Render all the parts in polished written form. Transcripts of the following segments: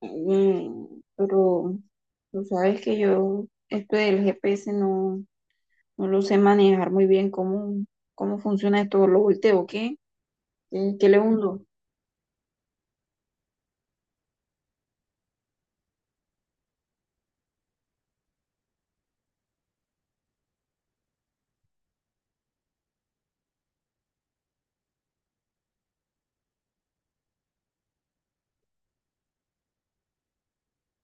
Mm, pero tú sabes que yo, esto del GPS no lo sé manejar muy bien, cómo funciona esto, lo volteo, ¿qué? ¿Qué le hundo?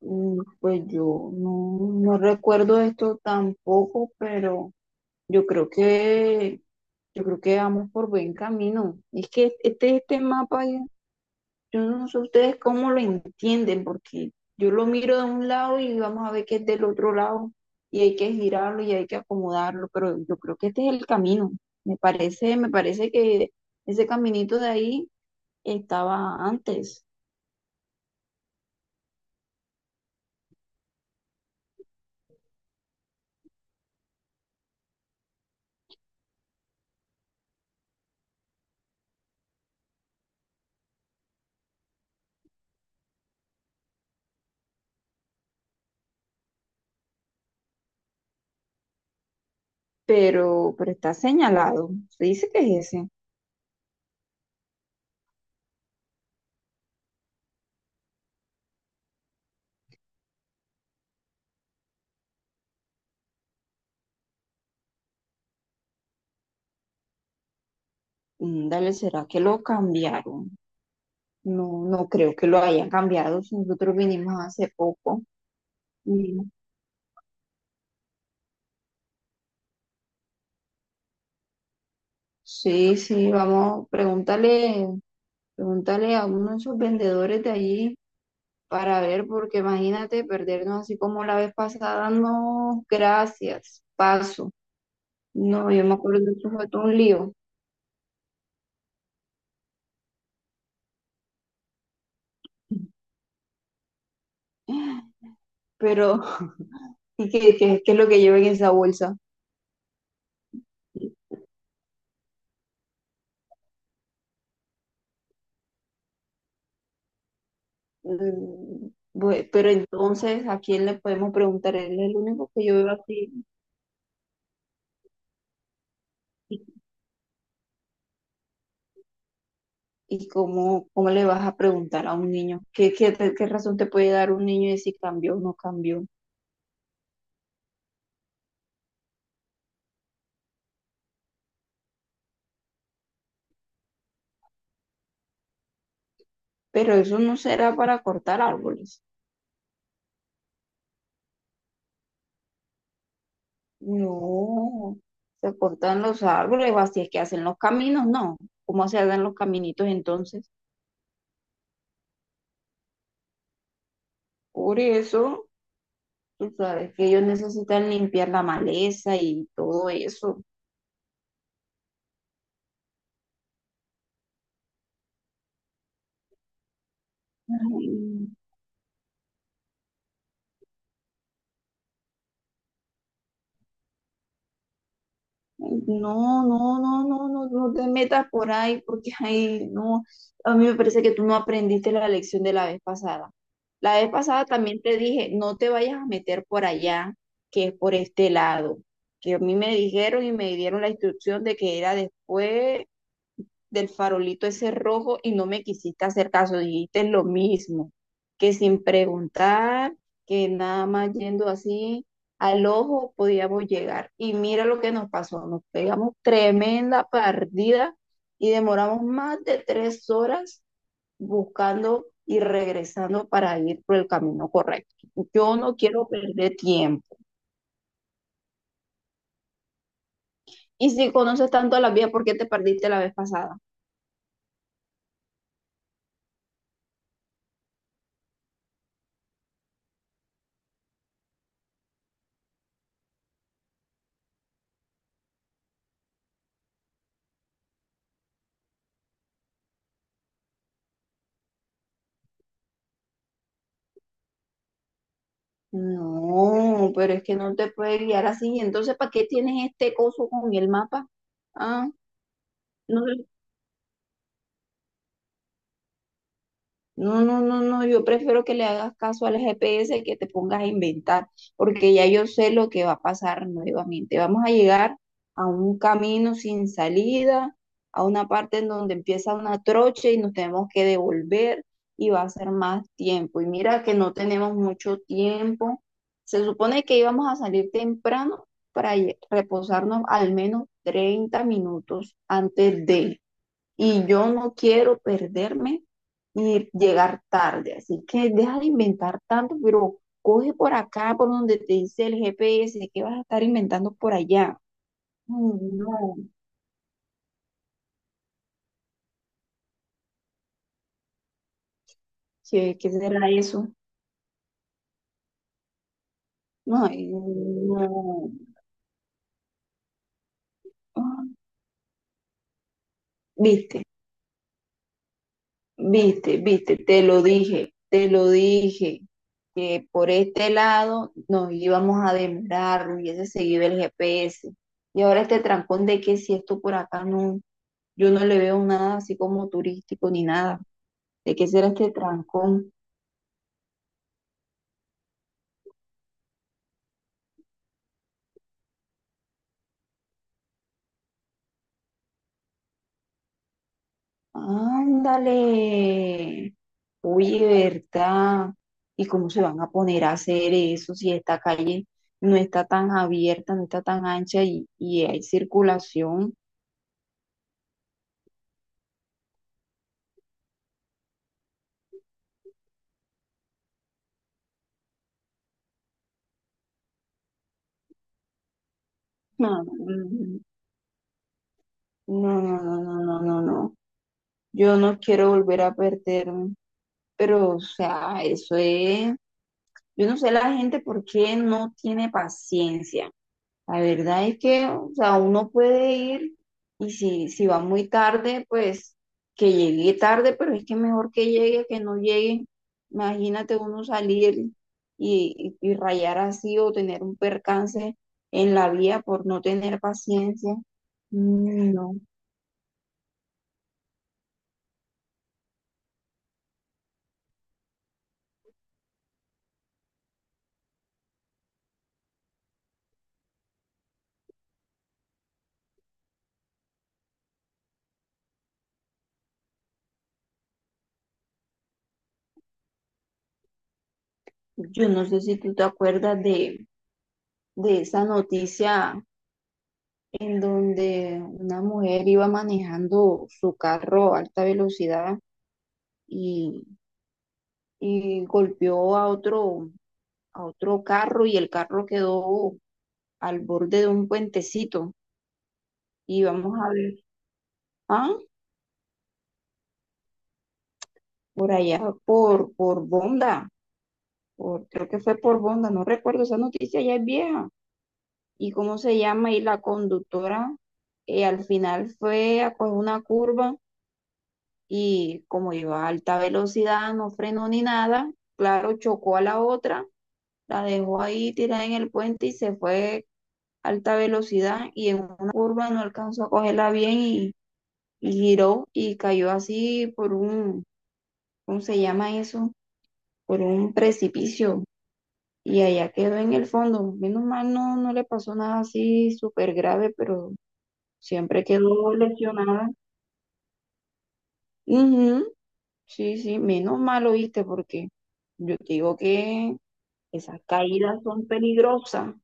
Pues yo no recuerdo esto tampoco, pero yo creo yo creo que vamos por buen camino. Es que este mapa. Yo no sé ustedes cómo lo entienden, porque yo lo miro de un lado y vamos a ver que es del otro lado, y hay que girarlo y hay que acomodarlo, pero yo creo que este es el camino. Me parece que ese caminito de ahí estaba antes, pero está señalado. Se dice que es ese. Dale, ¿será que lo cambiaron? No, no creo que lo hayan cambiado si nosotros vinimos hace poco. Mm, Sí, sí, vamos, pregúntale. Pregúntale a uno de esos vendedores de allí para ver, porque imagínate perdernos así como la vez pasada. No, gracias, paso. No, yo me acuerdo que eso fue todo un lío. Pero, ¿y qué es lo que lleva en esa bolsa? Mm, pero entonces, ¿a quién le podemos preguntar? Él es el único que yo veo así. ¿Y, cómo le vas a preguntar a un niño? Qué razón te puede dar un niño de si cambió o no cambió? Pero eso no será para cortar árboles. No, se cortan los árboles, o así es que hacen los caminos, no. ¿Cómo se hagan los caminitos entonces? Por eso, tú sabes que ellos necesitan limpiar la maleza y todo eso. No, no, no, no, no, no te metas por ahí porque ahí no. A mí me parece que tú no aprendiste la lección de la vez pasada. La vez pasada también te dije, no te vayas a meter por allá, que es por este lado. Que a mí me dijeron y me dieron la instrucción de que era después del farolito ese rojo y no me quisiste hacer caso, dijiste lo mismo, que sin preguntar, que nada más yendo así al ojo podíamos llegar. Y mira lo que nos pasó, nos pegamos tremenda partida y demoramos más de 3 horas buscando y regresando para ir por el camino correcto. Yo no quiero perder tiempo. Y si conoces tanto la vía, ¿por qué te perdiste la vez pasada? No, pero es que no te puede guiar así. Entonces, ¿para qué tienes este coso con el mapa? Ah, no No, no, no, no, yo prefiero que le hagas caso al GPS que te pongas a inventar, porque ya yo sé lo que va a pasar nuevamente. Vamos a llegar a un camino sin salida, a una parte en donde empieza una trocha y nos tenemos que devolver y va a ser más tiempo. Y mira que no tenemos mucho tiempo. Se supone que íbamos a salir temprano para reposarnos al menos 30 minutos antes de, y yo no quiero perderme y llegar tarde. Así que deja de inventar tanto, pero coge por acá, por donde te dice el GPS, que vas a estar inventando por allá. Ay, no, ¿qué será eso? No, ay, no. Ah, Viste, viste, te lo dije, que por este lado nos íbamos a demorar, hubiese seguido el GPS. Y ahora este trancón de que si esto por acá no. Yo no le veo nada así como turístico ni nada. ¿De qué será este trancón? Ándale. Oye, ¿verdad? ¿Y cómo se van a poner a hacer eso si esta calle no está tan abierta, no está tan ancha y hay circulación? No, no, no, no, no, no, no, no, no. Yo no quiero volver a perderme. Pero, o sea, eso es... Yo no sé la gente por qué no tiene paciencia. La verdad es que, o sea, uno puede ir y si va muy tarde, pues que llegue tarde, pero es que mejor que llegue que no llegue. Imagínate uno salir y rayar así o tener un percance en la vía por no tener paciencia. Mm, No, yo no sé si tú te acuerdas de esa noticia en donde una mujer iba manejando su carro a alta velocidad y y golpeó a a otro carro y el carro quedó al borde de un puentecito. Y vamos a ver, ah, por allá, por Bonda, por, creo que fue por Bonda, no recuerdo, esa noticia ya es vieja. ¿Y cómo se llama? Y la conductora, al final fue a coger una curva y como iba a alta velocidad, no frenó ni nada, claro, chocó a la otra, la dejó ahí tirada en el puente y se fue alta velocidad y en una curva no alcanzó a cogerla bien y giró y cayó así por un, ¿cómo se llama eso? Por un precipicio y allá quedó en el fondo. Menos mal no, no le pasó nada así súper grave, pero siempre quedó lesionada. Ujú, sí, sí, menos mal, oíste, porque yo te digo que esas caídas son peligrosas.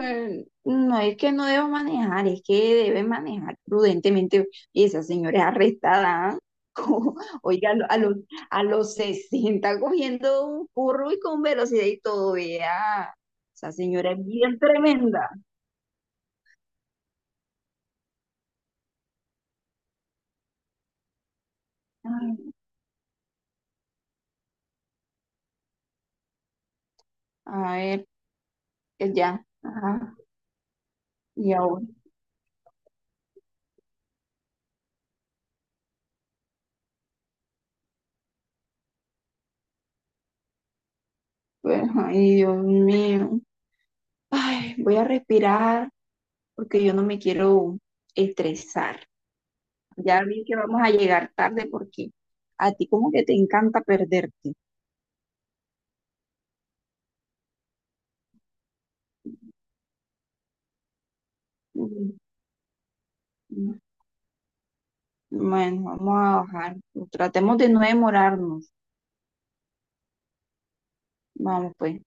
No es que no debo manejar, es que debe manejar prudentemente. Y esa señora es arrestada. ¿Ah? Como, oiga, a a los 60 cogiendo un curro y con velocidad y todo, vea. Esa señora es bien tremenda. Ay, a ver, ya. Ajá. Y ahora, pues, ay, Dios mío. Ay, voy a respirar porque yo no me quiero estresar. Ya vi que vamos a llegar tarde porque a ti como que te encanta perderte. Mm, mm. Bueno, vamos a bajar. Tratemos de no demorarnos. Vamos, pues.